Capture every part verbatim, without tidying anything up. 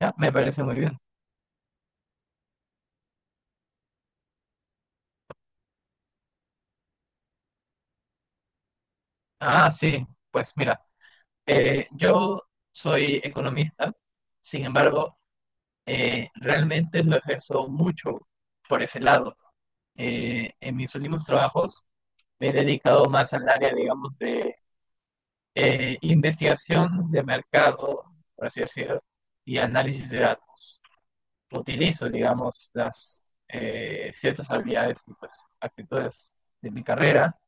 Ya, me parece muy bien. Ah, sí, pues mira, eh, yo soy economista. Sin embargo, eh, realmente lo ejerzo mucho por ese lado. Eh, en mis últimos trabajos me he dedicado más al área, digamos, de eh, investigación de mercado, por así decirlo, y análisis de datos. Utilizo, digamos, las eh, ciertas habilidades y, pues, actitudes de mi carrera,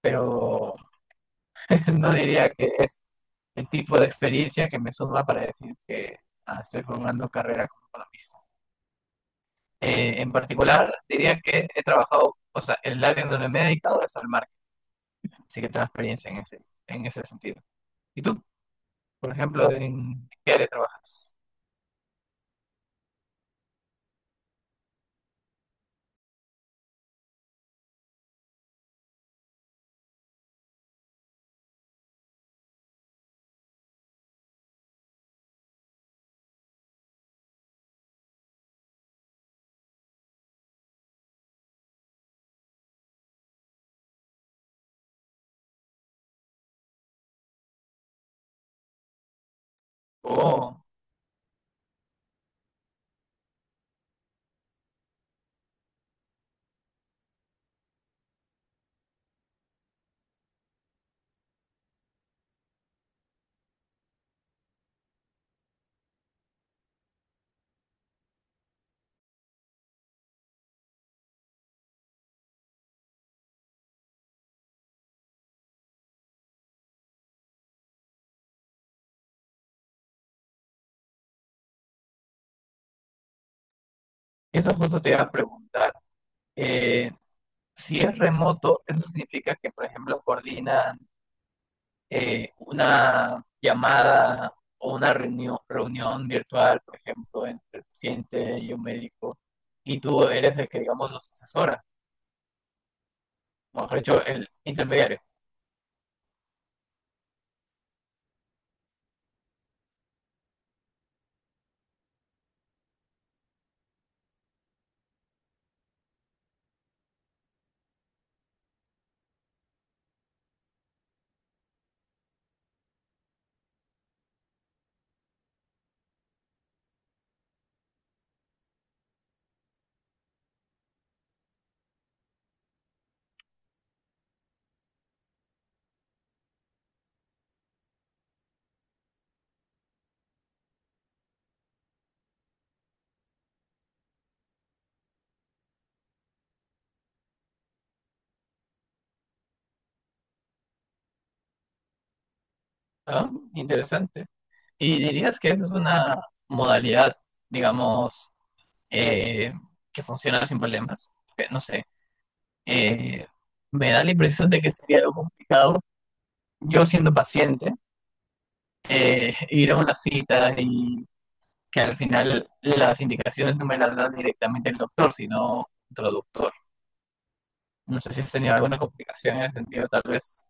pero no diría que es el tipo de experiencia que me suma para decir que ah, estoy formando carrera como economista. Eh, en particular, diría que he trabajado, o sea, el área donde me he dedicado es al marketing, así que tengo experiencia en ese, en ese sentido. ¿Y tú, por ejemplo, en qué área trabajas? Oh, eso justo te iba a preguntar. Eh, si es remoto, eso significa que, por ejemplo, coordinan eh, una llamada o una reunión, reunión virtual, por ejemplo, entre el paciente y un médico, y tú eres el que, digamos, los asesora, o mejor dicho, el intermediario. Ah, interesante. ¿Y dirías que esa es una modalidad, digamos, eh, que funciona sin problemas? Eh, No sé, eh, me da la impresión de que sería algo complicado yo siendo paciente, eh, ir a una cita y que al final las indicaciones no me las da directamente el doctor, sino traductor. No sé si has tenido alguna complicación en ese sentido, tal vez.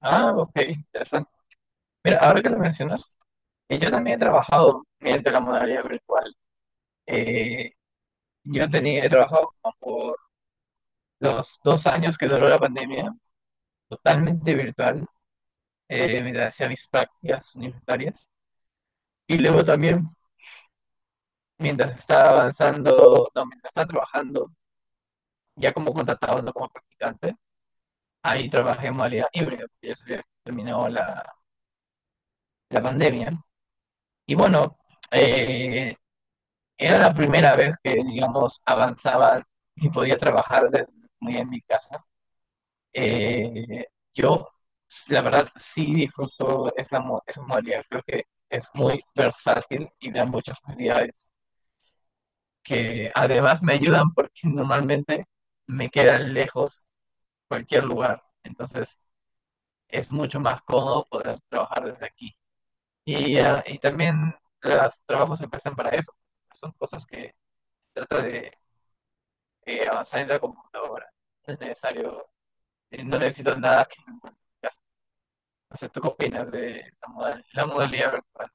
Ah, ok, interesante. Mira, ahora que lo mencionas, eh, yo también he trabajado mediante la modalidad virtual. Eh, yo tenía, he trabajado como por los dos años que duró la pandemia, totalmente virtual, eh, mientras hacía mis prácticas universitarias. Y luego también, mientras estaba avanzando, no, mientras estaba trabajando, ya como contratado, no como practicante, ahí trabajé en modalidad híbrida, porque ya se había terminado la, la pandemia. Y bueno, eh, era la primera vez que, digamos, avanzaba y podía trabajar desde muy en mi casa. Eh, yo, la verdad, sí disfruto esa, esa modalidad. Creo que es muy versátil y da muchas facilidades que además me ayudan porque normalmente me quedan lejos cualquier lugar. Entonces, es mucho más cómodo poder trabajar desde aquí. Y, ah, y también los trabajos empiezan para eso. Son cosas que trata de eh, avanzar en la computadora. No es necesario, eh, no necesito nada que, o sea, ¿tú qué opinas de la modal- la modalidad virtual?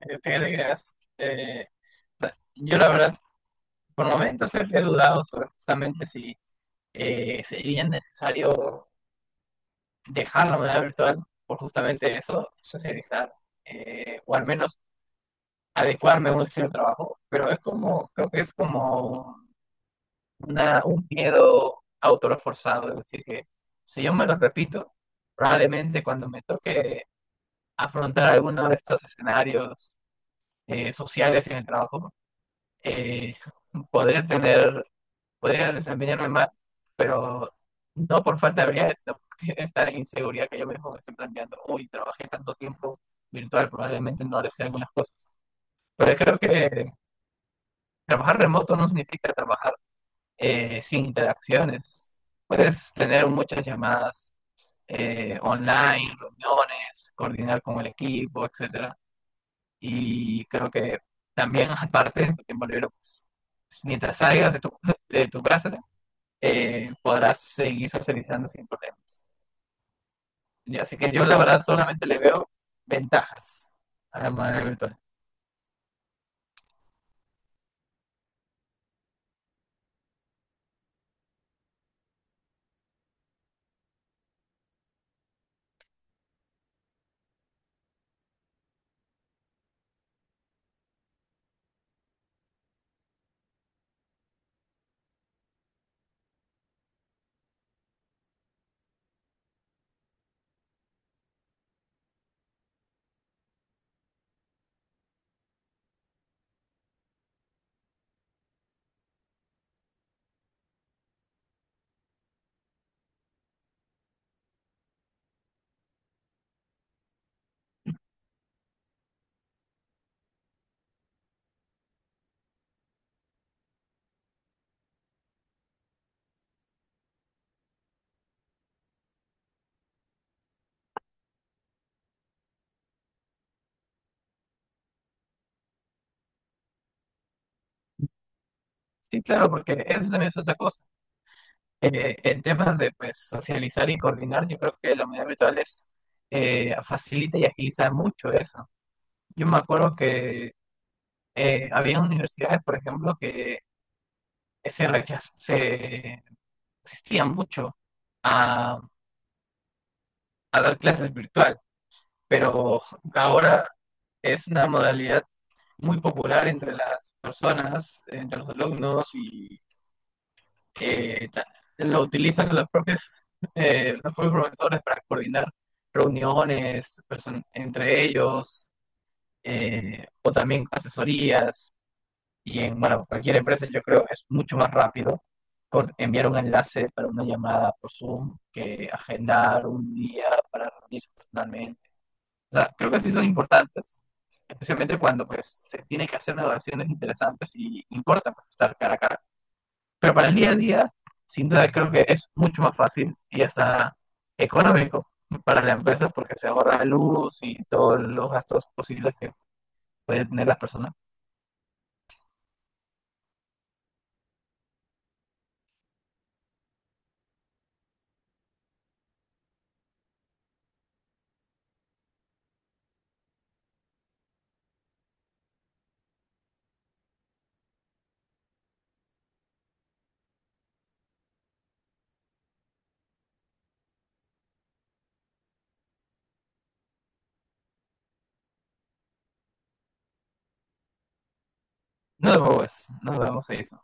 Eh, fíjate que es, eh, da- Yo, la verdad, por momentos he he dudado sobre justamente si eh, sería necesario dejar la modalidad virtual por justamente eso, socializar, eh, o al menos adecuarme a un estilo de trabajo, pero es como, creo que es como una, un miedo autoreforzado, es decir, que si yo me lo repito, probablemente cuando me toque afrontar alguno de estos escenarios eh, sociales en el trabajo, eh, podría tener, podría desempeñarme mal, pero no por falta de habilidades, sino por esta inseguridad que yo mismo me estoy planteando. Uy, trabajé tanto tiempo virtual, probablemente no le sé algunas cosas. Pero creo que trabajar remoto no significa trabajar eh, sin interacciones. Puedes tener muchas llamadas eh, online, reuniones, coordinar con el equipo, etcétera. Y creo que también, aparte, en tu tiempo libre, pues, mientras salgas de tu, de tu casa, eh, podrás seguir socializando sin problemas. Y así que yo, la verdad, solamente le veo ventajas a la manera virtual. Sí, claro, porque eso también es otra cosa. Eh, en temas de, pues, socializar y coordinar, yo creo que la medida virtual es, eh, facilita y agiliza mucho eso. Yo me acuerdo que eh, había universidades, por ejemplo, que se rechaz- se resistían mucho a, a dar clases virtual, pero ahora es una modalidad muy popular entre las personas, entre los alumnos y eh, ta- lo utilizan los propios, eh, los propios profesores para coordinar reuniones person- entre ellos eh, o también asesorías. Y en, bueno, cualquier empresa yo creo que es mucho más rápido por enviar un enlace para una llamada por Zoom que agendar un día para reunirse personalmente. O sea, creo que sí son importantes, especialmente cuando, pues, se tiene que hacer negociaciones interesantes y importa, pues, estar cara a cara. Pero para el día a día, sin duda creo que es mucho más fácil y hasta económico para la empresa, porque se ahorra luz y todos los gastos posibles que pueden tener las personas. Nos vemos, nos vemos, eso.